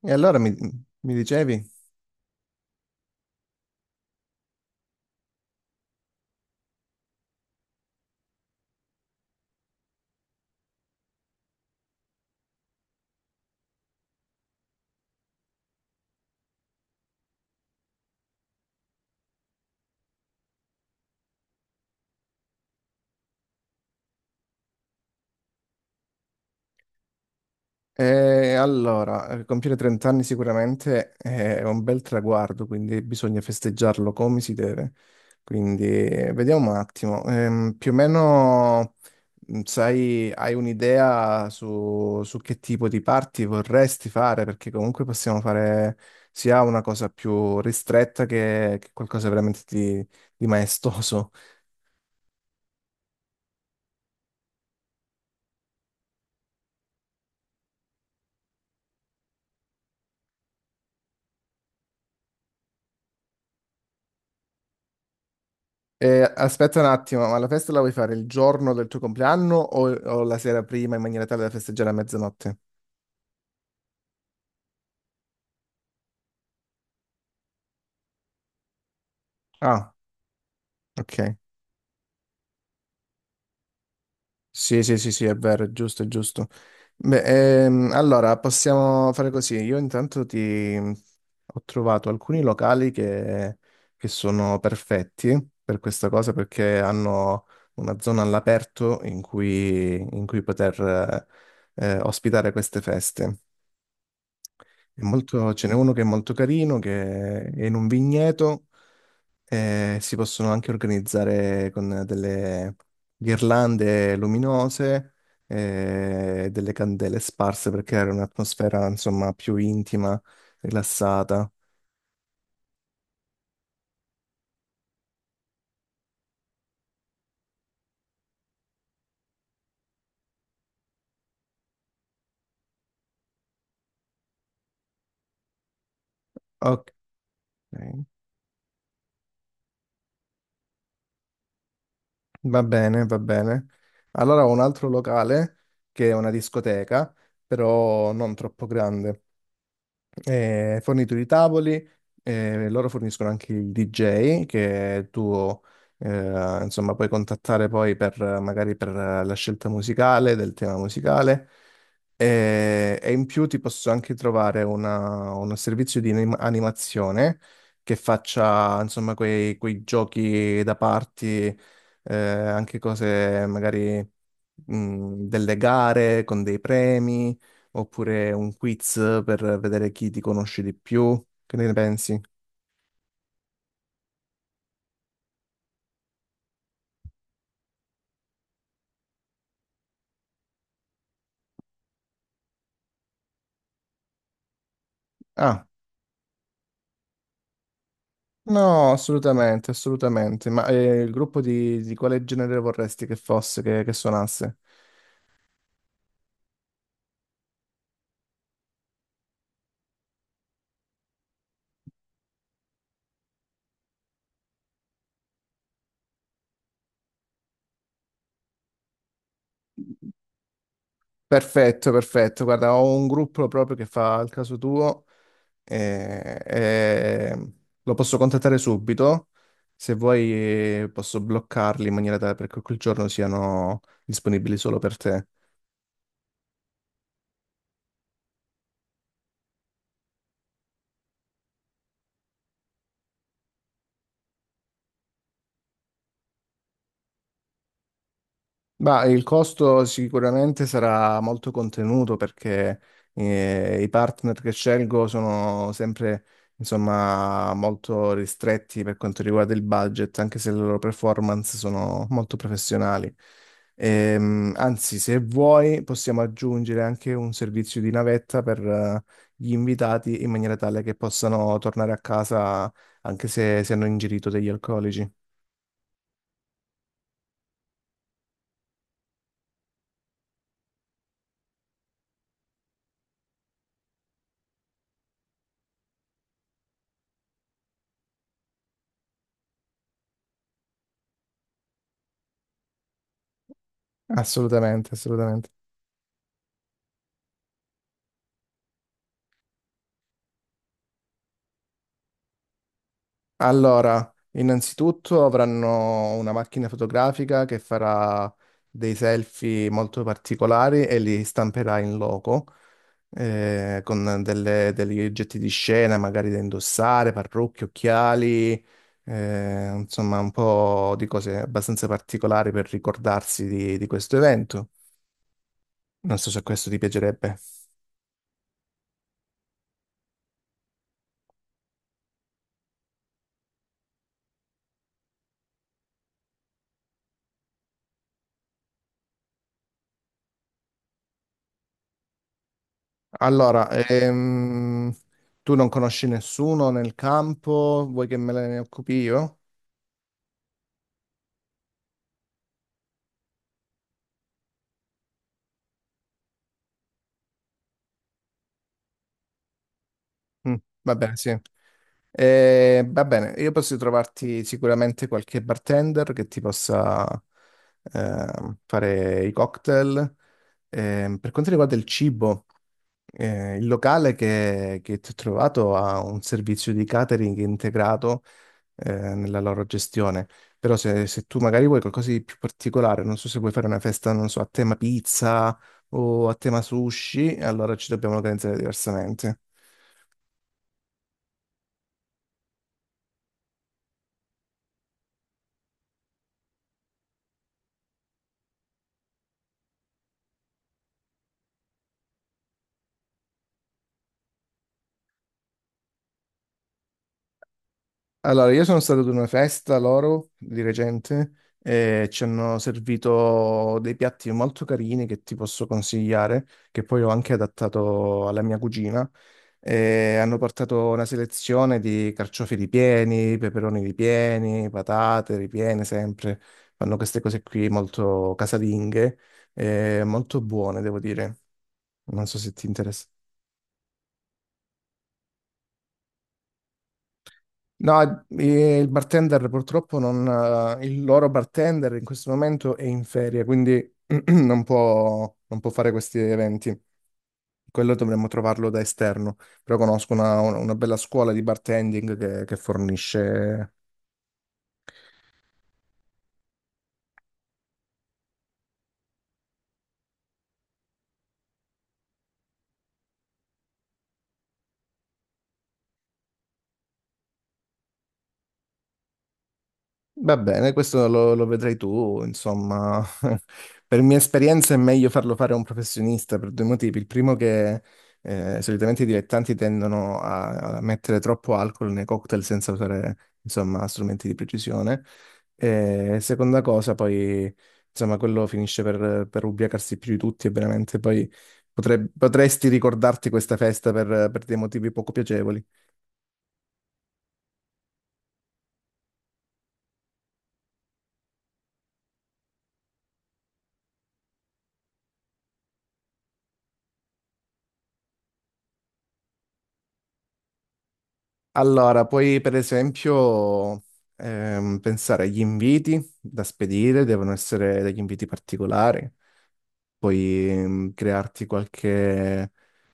E allora mi dicevi? E allora, compiere 30 anni sicuramente è un bel traguardo, quindi bisogna festeggiarlo come si deve. Quindi vediamo un attimo, più o meno sai, hai un'idea su che tipo di party vorresti fare? Perché comunque possiamo fare sia una cosa più ristretta che qualcosa veramente di maestoso. Aspetta un attimo, ma la festa la vuoi fare il giorno del tuo compleanno o la sera prima in maniera tale da festeggiare a mezzanotte? Ah, ok. Sì, sì, sì, sì, è vero, è giusto, è giusto. Beh, allora possiamo fare così. Io intanto ti ho trovato alcuni locali che sono perfetti per questa cosa perché hanno una zona all'aperto in cui poter ospitare queste feste. Ce n'è uno che è molto carino, che è in un vigneto e si possono anche organizzare con delle ghirlande luminose e delle candele sparse per creare un'atmosfera, insomma, più intima, rilassata. Ok, va bene, va bene. Allora ho un altro locale che è una discoteca, però non troppo grande. Fornitori di tavoli, loro forniscono anche il DJ che tu insomma puoi contattare poi per magari per la scelta musicale, del tema musicale e in più ti posso anche trovare uno servizio di animazione che faccia insomma quei giochi da party, anche cose magari delle gare con dei premi. Oppure un quiz per vedere chi ti conosce di più? Che ne pensi? Ah, no, assolutamente, assolutamente. Ma il gruppo di quale genere vorresti che fosse, che suonasse? Perfetto, perfetto. Guarda, ho un gruppo proprio che fa il caso tuo, eh, eh, lo posso contattare subito. Se vuoi posso bloccarli in maniera tale perché quel giorno siano disponibili solo per te. Ma il costo sicuramente sarà molto contenuto perché i partner che scelgo sono insomma, molto ristretti per quanto riguarda il budget, anche se le loro performance sono molto professionali. Anzi, se vuoi, possiamo aggiungere anche un servizio di navetta per gli invitati in maniera tale che possano tornare a casa anche se hanno ingerito degli alcolici. Assolutamente, assolutamente. Allora, innanzitutto avranno una macchina fotografica che farà dei selfie molto particolari e li stamperà in loco, con degli oggetti di scena, magari da indossare, parrucche, occhiali, insomma un po' di cose abbastanza particolari per ricordarsi di questo evento. Non so se questo ti piacerebbe. Allora, tu non conosci nessuno nel campo, vuoi che me ne occupi io? Mm, va bene, sì. Va bene, io posso trovarti sicuramente qualche bartender che ti possa fare i cocktail. Per quanto riguarda il cibo, il locale che ti ho trovato ha un servizio di catering integrato nella loro gestione. Però se tu magari vuoi qualcosa di più particolare, non so se vuoi fare una festa, non so, a tema pizza o a tema sushi, allora ci dobbiamo organizzare diversamente. Allora, io sono stato ad una festa loro di recente e ci hanno servito dei piatti molto carini che ti posso consigliare, che poi ho anche adattato alla mia cugina. E hanno portato una selezione di carciofi ripieni, peperoni ripieni, patate ripiene sempre. Fanno queste cose qui molto casalinghe e molto buone, devo dire. Non so se ti interessa. No, il bartender purtroppo non, il loro bartender in questo momento è in ferie, quindi non non può fare questi eventi. Quello dovremmo trovarlo da esterno, però conosco una bella scuola di bartending che fornisce. Va bene, questo lo vedrai tu, insomma, per mia esperienza è meglio farlo fare a un professionista per due motivi. Il primo che solitamente i dilettanti tendono a mettere troppo alcol nei cocktail senza usare, insomma, strumenti di precisione. E seconda cosa, poi, insomma, quello finisce per ubriacarsi più di tutti e veramente poi potresti ricordarti questa festa per dei motivi poco piacevoli. Allora, puoi per esempio pensare agli inviti da spedire, devono essere degli inviti particolari, puoi crearti qualche,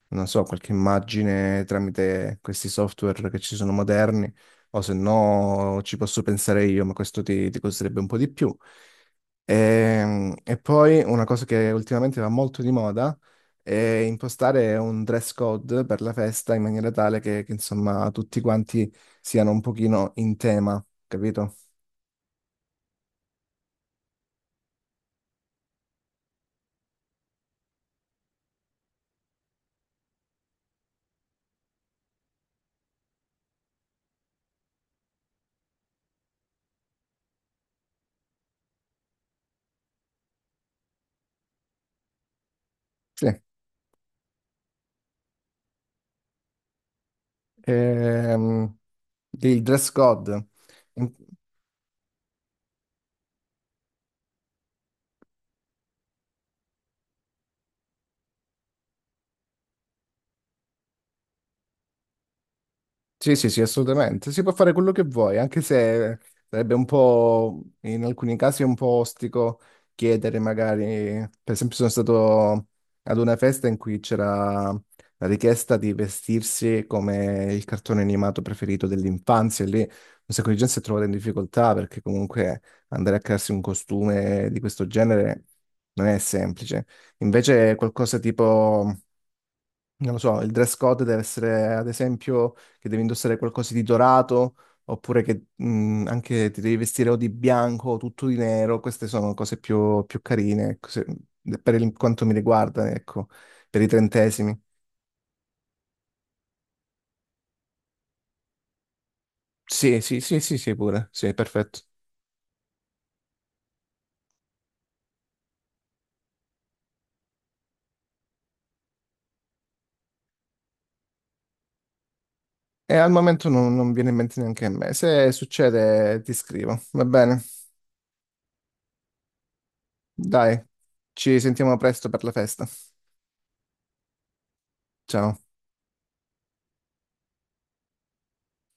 non so, qualche immagine tramite questi software che ci sono moderni, o se no ci posso pensare io, ma questo ti costerebbe un po' di più. E poi una cosa che ultimamente va molto di moda è impostare un dress code per la festa in maniera tale insomma tutti quanti siano un pochino in tema, capito? Sì. Ehm, il dress code. Sì, sì, sì, assolutamente. Si può fare quello che vuoi, anche se sarebbe un po', in alcuni casi, un po' ostico chiedere magari, per esempio sono stato ad una festa in cui c'era la richiesta di vestirsi come il cartone animato preferito dell'infanzia, e lì un sacco di gente si è trovata in difficoltà perché comunque andare a crearsi un costume di questo genere non è semplice. Invece qualcosa tipo... Non lo so, il dress code deve essere, ad esempio, che devi indossare qualcosa di dorato, oppure che anche ti devi vestire o di bianco o tutto di nero. Queste sono cose più carine, ecco, per quanto mi riguarda, ecco, per i trentesimi. Sì, sì, sì, sì, sì, pure, sì, perfetto. E al momento non viene in mente neanche a me. Se succede, ti scrivo, va bene? Dai, ci sentiamo presto per la festa. Ciao.